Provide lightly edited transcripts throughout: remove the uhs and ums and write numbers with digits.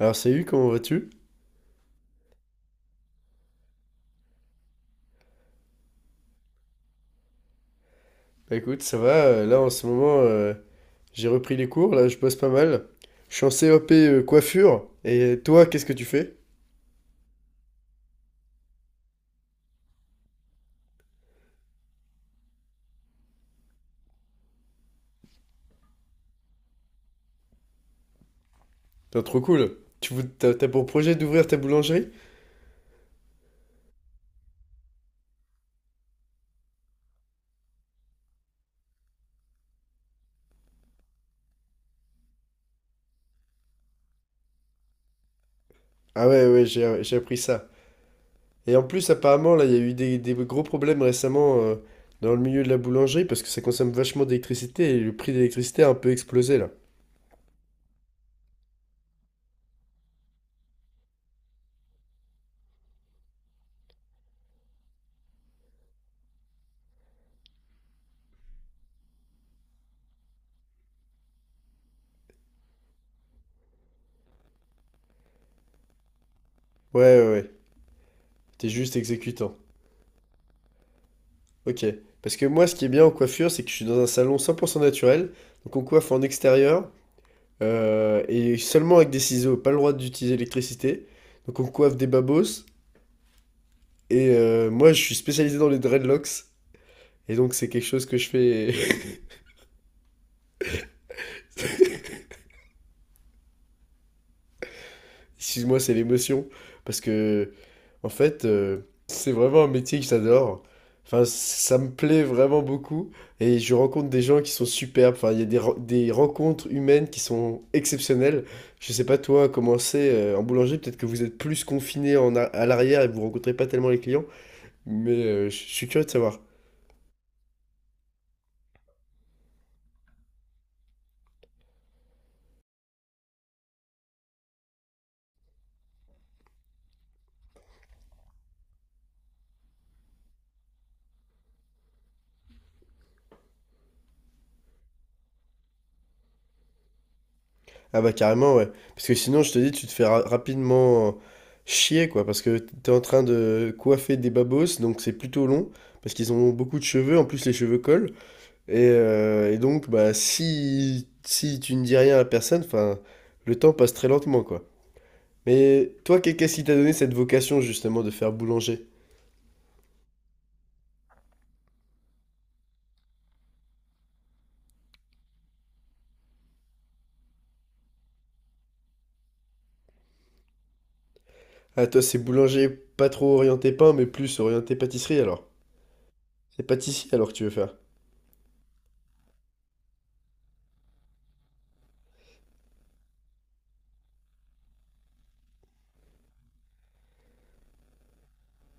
Alors salut, comment vas-tu? Bah, écoute, ça va, là en ce moment j'ai repris les cours, là je bosse pas mal. Je suis en CAP coiffure, et toi qu'est-ce que tu fais? T'es trop cool. T'as pour projet d'ouvrir ta boulangerie? Ah ouais, ouais, j'ai appris ça. Et en plus apparemment là il y a eu des gros problèmes récemment, dans le milieu de la boulangerie parce que ça consomme vachement d'électricité et le prix de l'électricité a un peu explosé là. Ouais, ouais, ouais, t'es juste exécutant. Ok. Parce que moi ce qui est bien en coiffure c'est que je suis dans un salon 100% naturel, donc on coiffe en extérieur. Et seulement avec des ciseaux, pas le droit d'utiliser l'électricité. Donc on coiffe des babos. Et moi, je suis spécialisé dans les dreadlocks. Et donc c'est quelque chose que je fais. Excuse-moi, c'est l'émotion. Parce que, en fait, c'est vraiment un métier que j'adore. Enfin, ça me plaît vraiment beaucoup. Et je rencontre des gens qui sont superbes. Enfin, il y a des rencontres humaines qui sont exceptionnelles. Je sais pas, toi, comment c'est en boulanger. Peut-être que vous êtes plus confiné à l'arrière et vous rencontrez pas tellement les clients. Mais je suis curieux de savoir. Ah bah carrément, ouais. Parce que sinon, je te dis, tu te fais rapidement chier, quoi. Parce que t'es en train de coiffer des babos, donc c'est plutôt long. Parce qu'ils ont beaucoup de cheveux, en plus les cheveux collent. Et donc, bah si, si tu ne dis rien à la personne, enfin, le temps passe très lentement, quoi. Mais toi, qu'est-ce qui t'a donné cette vocation, justement, de faire boulanger? Ah, toi, c'est boulanger pas trop orienté pain, mais plus orienté pâtisserie, alors. C'est pâtissier, alors que tu veux faire.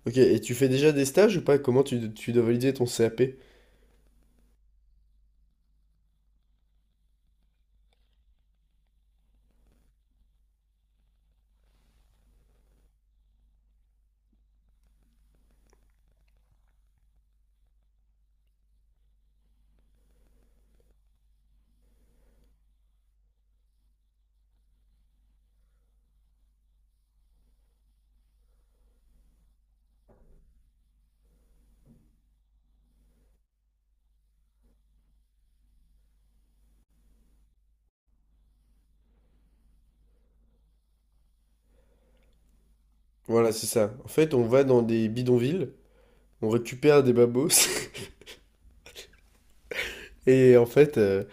Ok, et tu fais déjà des stages ou pas? Comment tu dois valider ton CAP? Voilà, c'est ça. En fait, on va dans des bidonvilles, on récupère des babos, et en fait,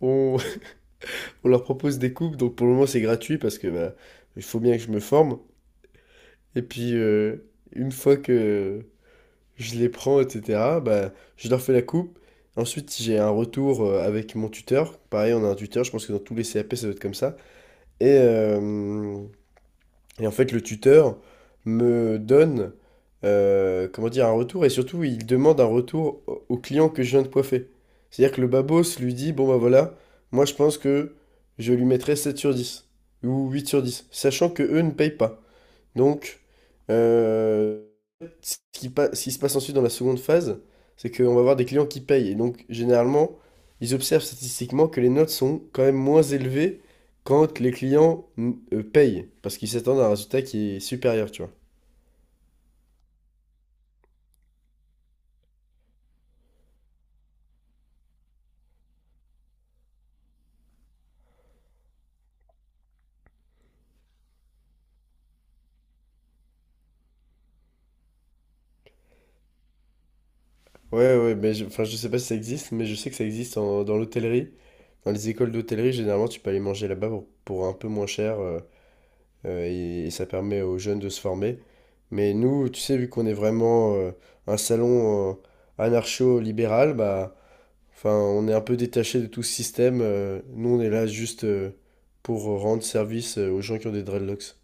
on, on leur propose des coupes. Donc pour le moment, c'est gratuit parce que bah, il faut bien que je me forme. Et puis, une fois que je les prends, etc., bah, je leur fais la coupe. Ensuite, j'ai un retour avec mon tuteur. Pareil, on a un tuteur, je pense que dans tous les CAP, ça doit être comme ça. Et, euh, Et en fait, le tuteur me donne, comment dire, un retour et surtout, il demande un retour au client que je viens de coiffer. C'est-à-dire que le babos lui dit, bon bah voilà, moi je pense que je lui mettrais 7 sur 10 ou 8 sur 10, sachant que eux ne payent pas. Donc, euh, ce qui se passe ensuite dans la seconde phase, c'est qu'on va avoir des clients qui payent. Et donc, généralement, ils observent statistiquement que les notes sont quand même moins élevées quand les clients payent, parce qu'ils s'attendent à un résultat qui est supérieur, tu vois. Ouais, ouais, mais enfin, je sais pas si ça existe, mais je sais que ça existe dans l'hôtellerie. Dans les écoles d'hôtellerie, généralement, tu peux aller manger là-bas pour un peu moins cher. Et ça permet aux jeunes de se former. Mais nous, tu sais, vu qu'on est vraiment un salon anarcho-libéral, bah, enfin, on est un peu détaché de tout ce système. Nous, on est là juste pour rendre service aux gens qui ont des dreadlocks.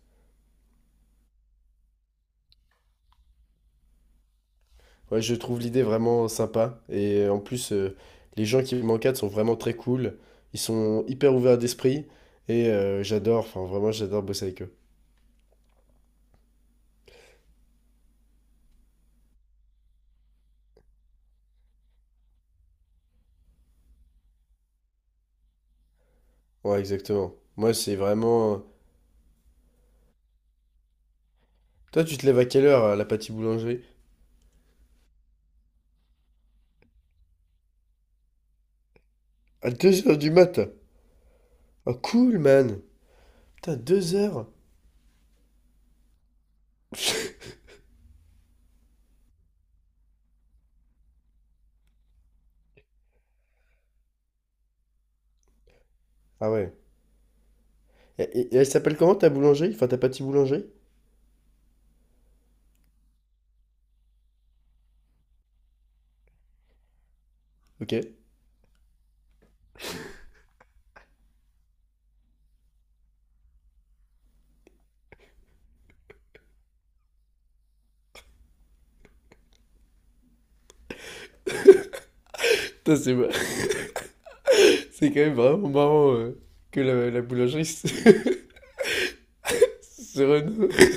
Ouais, je trouve l'idée vraiment sympa. Et en plus, les gens qui m'encadrent sont vraiment très cool. Ils sont hyper ouverts d'esprit. Et j'adore, enfin, vraiment, j'adore bosser avec eux. Ouais, exactement. Moi, c'est vraiment... Toi, tu te lèves à quelle heure à la pâtisserie boulangerie? À deux heures du mat? Oh cool man! Putain, deux heures. Ah ouais. Et, et elle s'appelle comment ta boulangerie? Enfin ta pâtisserie boulangerie? Ok. Putain, c'est quand même vraiment marrant, que la boulangerie se, se renomme.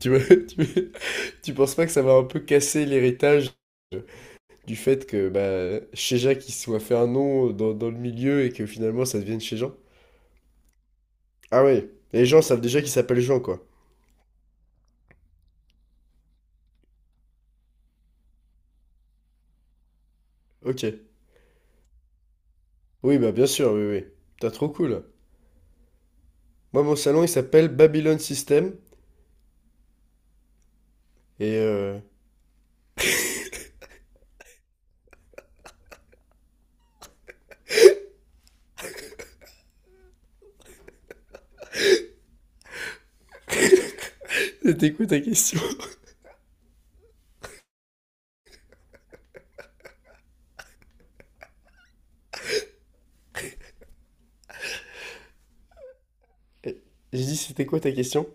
Tu vois, tu penses pas que ça va un peu casser l'héritage, euh, du fait que bah, chez Chéja qui soit fait un nom dans le milieu et que finalement ça devienne chez Jean? Ah ouais, les gens savent déjà qu'il s'appelle Jean quoi. Ok. Oui bah bien sûr, oui, oui. T'as trop cool. Moi, mon salon, il s'appelle Babylon System. Et c'était quoi ta question? j'ai dit, c'était quoi ta question?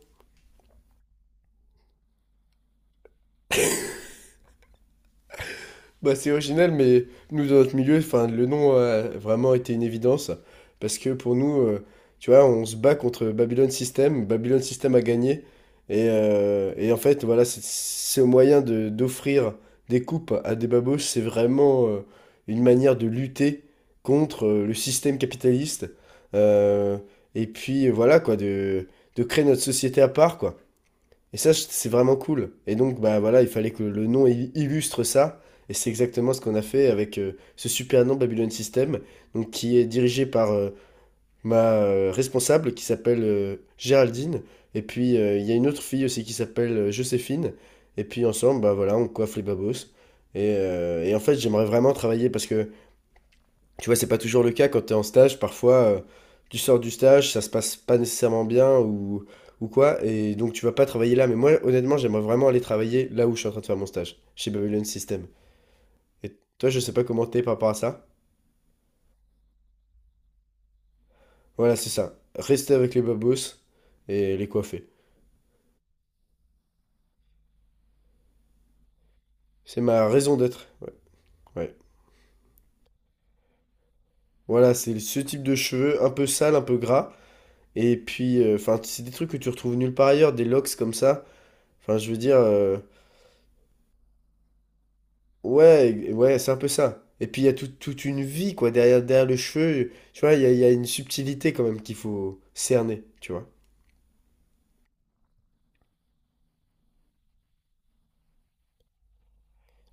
Bah, c'est original, mais nous, dans notre milieu, enfin, le nom a vraiment été une évidence. Parce que pour nous, tu vois, on se bat contre Babylon System. Babylon System a gagné. Et en fait, voilà, c'est au moyen de, d'offrir des coupes à des babouches. C'est vraiment une manière de lutter contre, le système capitaliste. Euh, et puis, voilà, quoi, de créer notre société à part, quoi. Et ça, c'est vraiment cool. Et donc, bah voilà, il fallait que le nom illustre ça. Et c'est exactement ce qu'on a fait avec, ce super nom Babylon System, donc qui est dirigé par ma responsable qui s'appelle, Géraldine. Et puis, il y a une autre fille aussi qui s'appelle, Joséphine. Et puis, ensemble, bah voilà, on coiffe les babos. Et en fait, j'aimerais vraiment travailler parce que tu vois, c'est pas toujours le cas quand tu es en stage. Parfois, tu sors du stage, ça se passe pas nécessairement bien ou quoi, et donc tu vas pas travailler là. Mais moi, honnêtement, j'aimerais vraiment aller travailler là où je suis en train de faire mon stage, chez Babylon System. Et toi, je sais pas comment t'es par rapport à ça. Voilà, c'est ça. Rester avec les babos et les coiffer. C'est ma raison d'être. Ouais. Ouais. Voilà, c'est ce type de cheveux, un peu sale, un peu gras. Et puis, enfin, c'est des trucs que tu retrouves nulle part ailleurs, des locks comme ça. Enfin, je veux dire. Ouais, ouais, c'est un peu ça. Et puis il y a toute une vie, quoi, derrière le cheveu. Tu vois, il y a une subtilité quand même qu'il faut cerner, tu vois.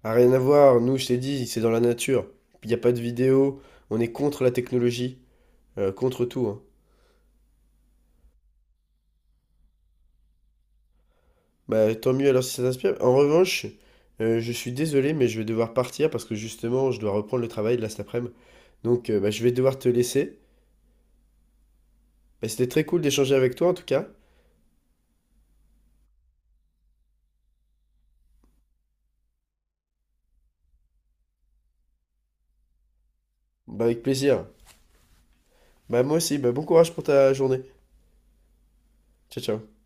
A rien à voir, nous, je t'ai dit, c'est dans la nature. Il n'y a pas de vidéo, on est contre la technologie, contre tout, hein. Bah tant mieux alors si ça t'inspire. En revanche, je suis désolé, mais je vais devoir partir parce que justement, je dois reprendre le travail de là cet après-midi. Donc bah, je vais devoir te laisser. Bah, c'était très cool d'échanger avec toi en tout cas. Bah avec plaisir. Bah moi aussi, bah bon courage pour ta journée. Ciao, ciao.